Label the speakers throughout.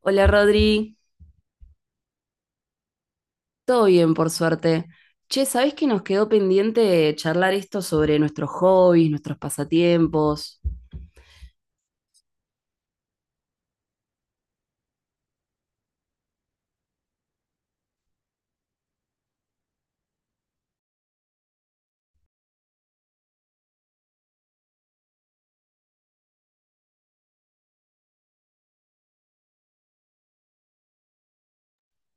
Speaker 1: Hola Rodri, todo bien por suerte. Che, ¿sabés que nos quedó pendiente charlar esto sobre nuestros hobbies, nuestros pasatiempos?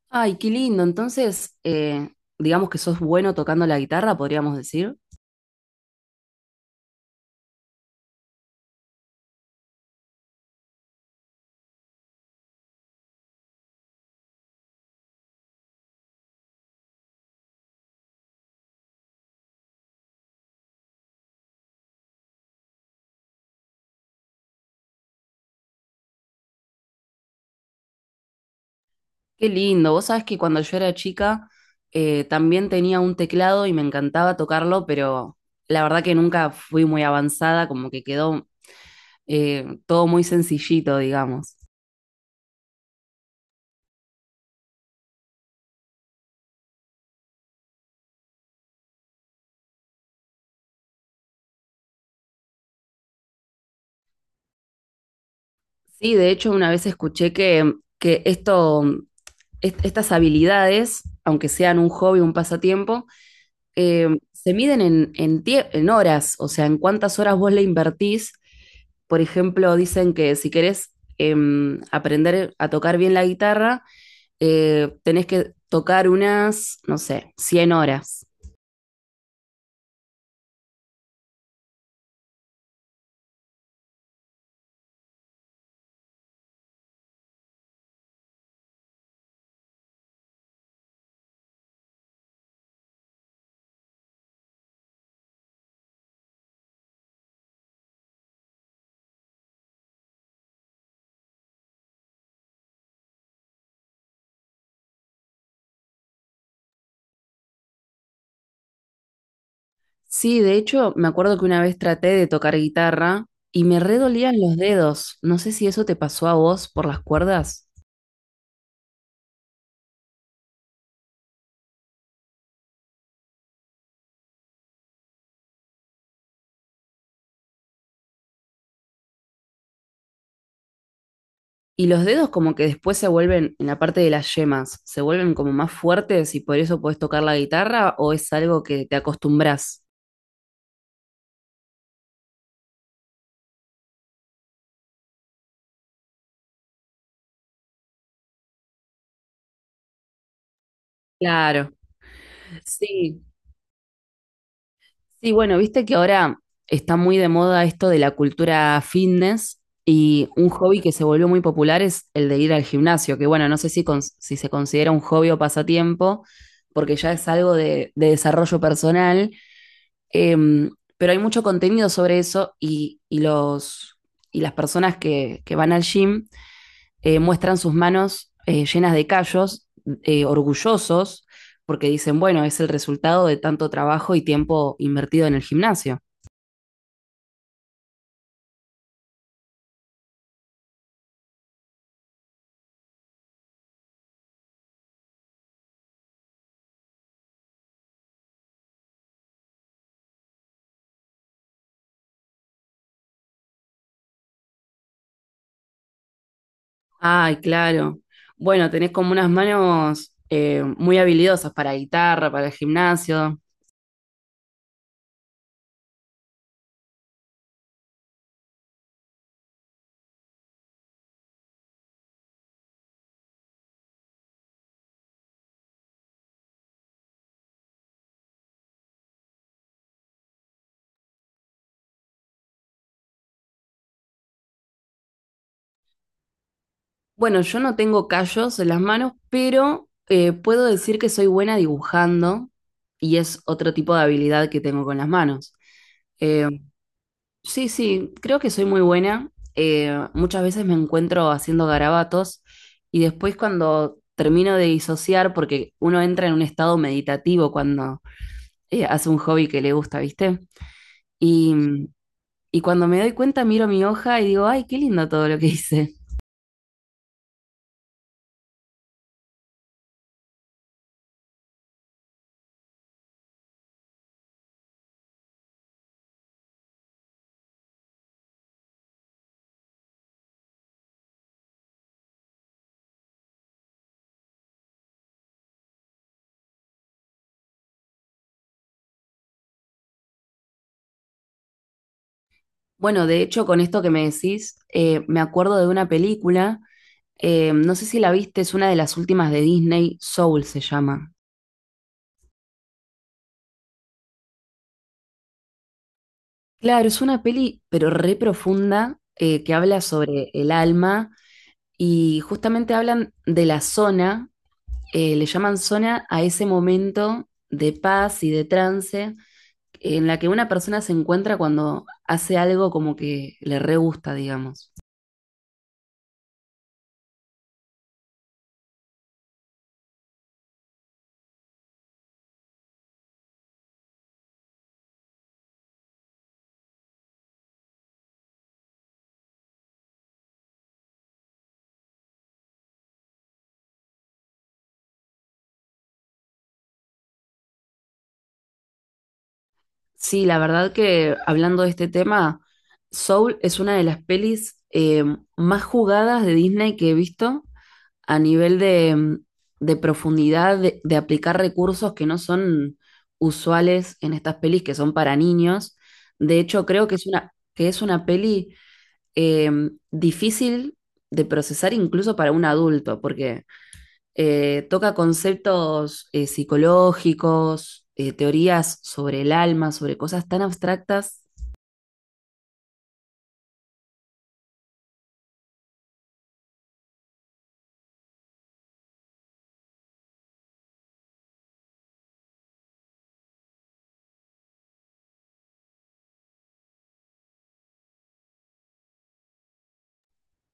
Speaker 1: Ay, qué lindo. Entonces, digamos que sos bueno tocando la guitarra, podríamos decir. Qué lindo. Vos sabés que cuando yo era chica también tenía un teclado y me encantaba tocarlo, pero la verdad que nunca fui muy avanzada, como que quedó todo muy sencillito, digamos. Sí, de hecho, una vez escuché que esto estas habilidades, aunque sean un hobby, un pasatiempo, se miden en horas, o sea, en cuántas horas vos le invertís. Por ejemplo, dicen que si querés aprender a tocar bien la guitarra, tenés que tocar unas, no sé, 100 horas. Sí, de hecho, me acuerdo que una vez traté de tocar guitarra y me redolían los dedos. No sé si eso te pasó a vos por las cuerdas. Y los dedos como que después se vuelven, en la parte de las yemas, se vuelven como más fuertes y por eso podés tocar la guitarra o es algo que te acostumbras. Claro, sí. Sí, bueno, viste que ahora está muy de moda esto de la cultura fitness y un hobby que se volvió muy popular es el de ir al gimnasio, que bueno, no sé si, si se considera un hobby o pasatiempo, porque ya es algo de desarrollo personal. Em, pero hay mucho contenido sobre eso y los, y las personas que van al gym muestran sus manos llenas de callos, orgullosos, porque dicen, bueno, es el resultado de tanto trabajo y tiempo invertido en el gimnasio. Ay, claro. Bueno, tenés como unas manos muy habilidosas para guitarra, para el gimnasio. Bueno, yo no tengo callos en las manos, pero puedo decir que soy buena dibujando y es otro tipo de habilidad que tengo con las manos. Eh, sí, sí, creo que soy muy buena. Muchas veces me encuentro haciendo garabatos y después cuando termino de disociar, porque uno entra en un estado meditativo cuando hace un hobby que le gusta, ¿viste? Y, y cuando me doy cuenta miro mi hoja y digo, ay, qué lindo todo lo que hice. Bueno, de hecho, con esto que me decís, me acuerdo de una película, no sé si la viste, es una de las últimas de Disney, Soul se llama. Claro, es una peli, pero re profunda, que habla sobre el alma y justamente hablan de la zona, le llaman zona a ese momento de paz y de trance en la que una persona se encuentra cuando hace algo como que le re gusta, digamos. Sí, la verdad que hablando de este tema, Soul es una de las pelis más jugadas de Disney que he visto a nivel de, mm, de profundidad, de aplicar recursos que no son usuales en estas pelis que son para niños. De hecho, creo que es una peli eh, difícil de procesar incluso para un adulto, porque toca conceptos psicológicos, teorías sobre el alma, sobre cosas tan abstractas.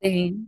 Speaker 1: Sí.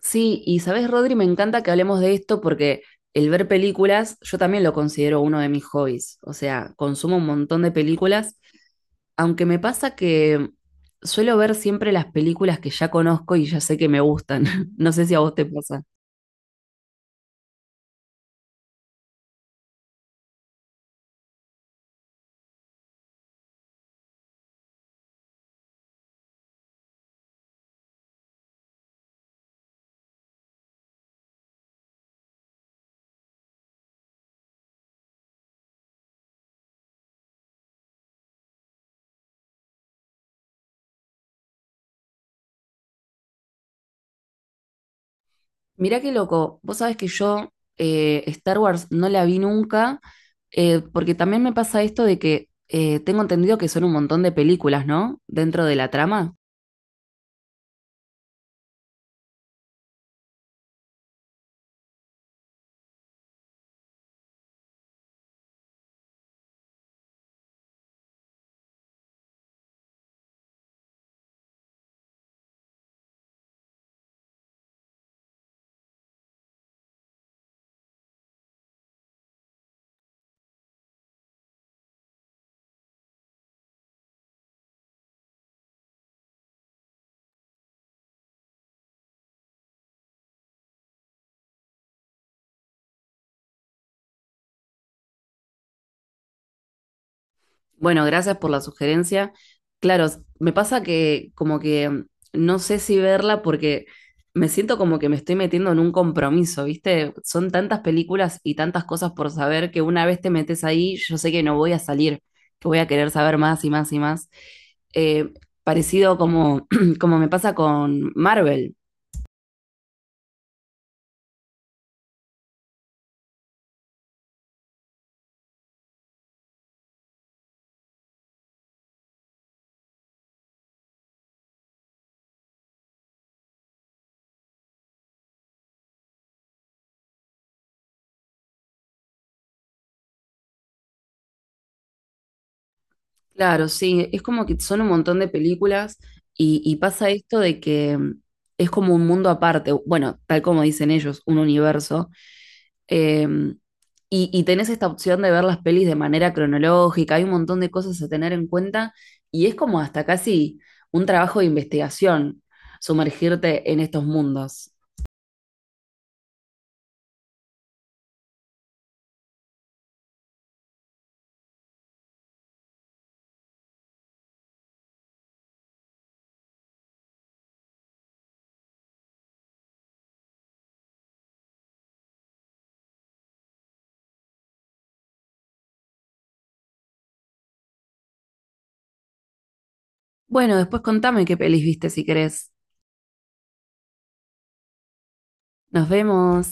Speaker 1: Sí, y sabes, Rodri, me encanta que hablemos de esto porque el ver películas, yo también lo considero uno de mis hobbies. O sea, consumo un montón de películas, aunque me pasa que suelo ver siempre las películas que ya conozco y ya sé que me gustan. No sé si a vos te pasa. Mirá qué loco, vos sabés que yo Star Wars no la vi nunca, porque también me pasa esto de que tengo entendido que son un montón de películas, ¿no? Dentro de la trama. Bueno, gracias por la sugerencia. Claro, me pasa que como que mm, no sé si verla porque me siento como que me estoy metiendo en un compromiso, ¿viste? Son tantas películas y tantas cosas por saber que una vez te metes ahí, yo sé que no voy a salir, que voy a querer saber más y más y más. Eh, parecido como, como me pasa con Marvel. Claro, sí, es como que son un montón de películas y pasa esto de que mm, es como un mundo aparte, bueno, tal como dicen ellos, un universo, eh, y tenés esta opción de ver las pelis de manera cronológica, hay un montón de cosas a tener en cuenta y es como hasta casi un trabajo de investigación sumergirte en estos mundos. Bueno, después contame qué pelis viste si querés. Nos vemos.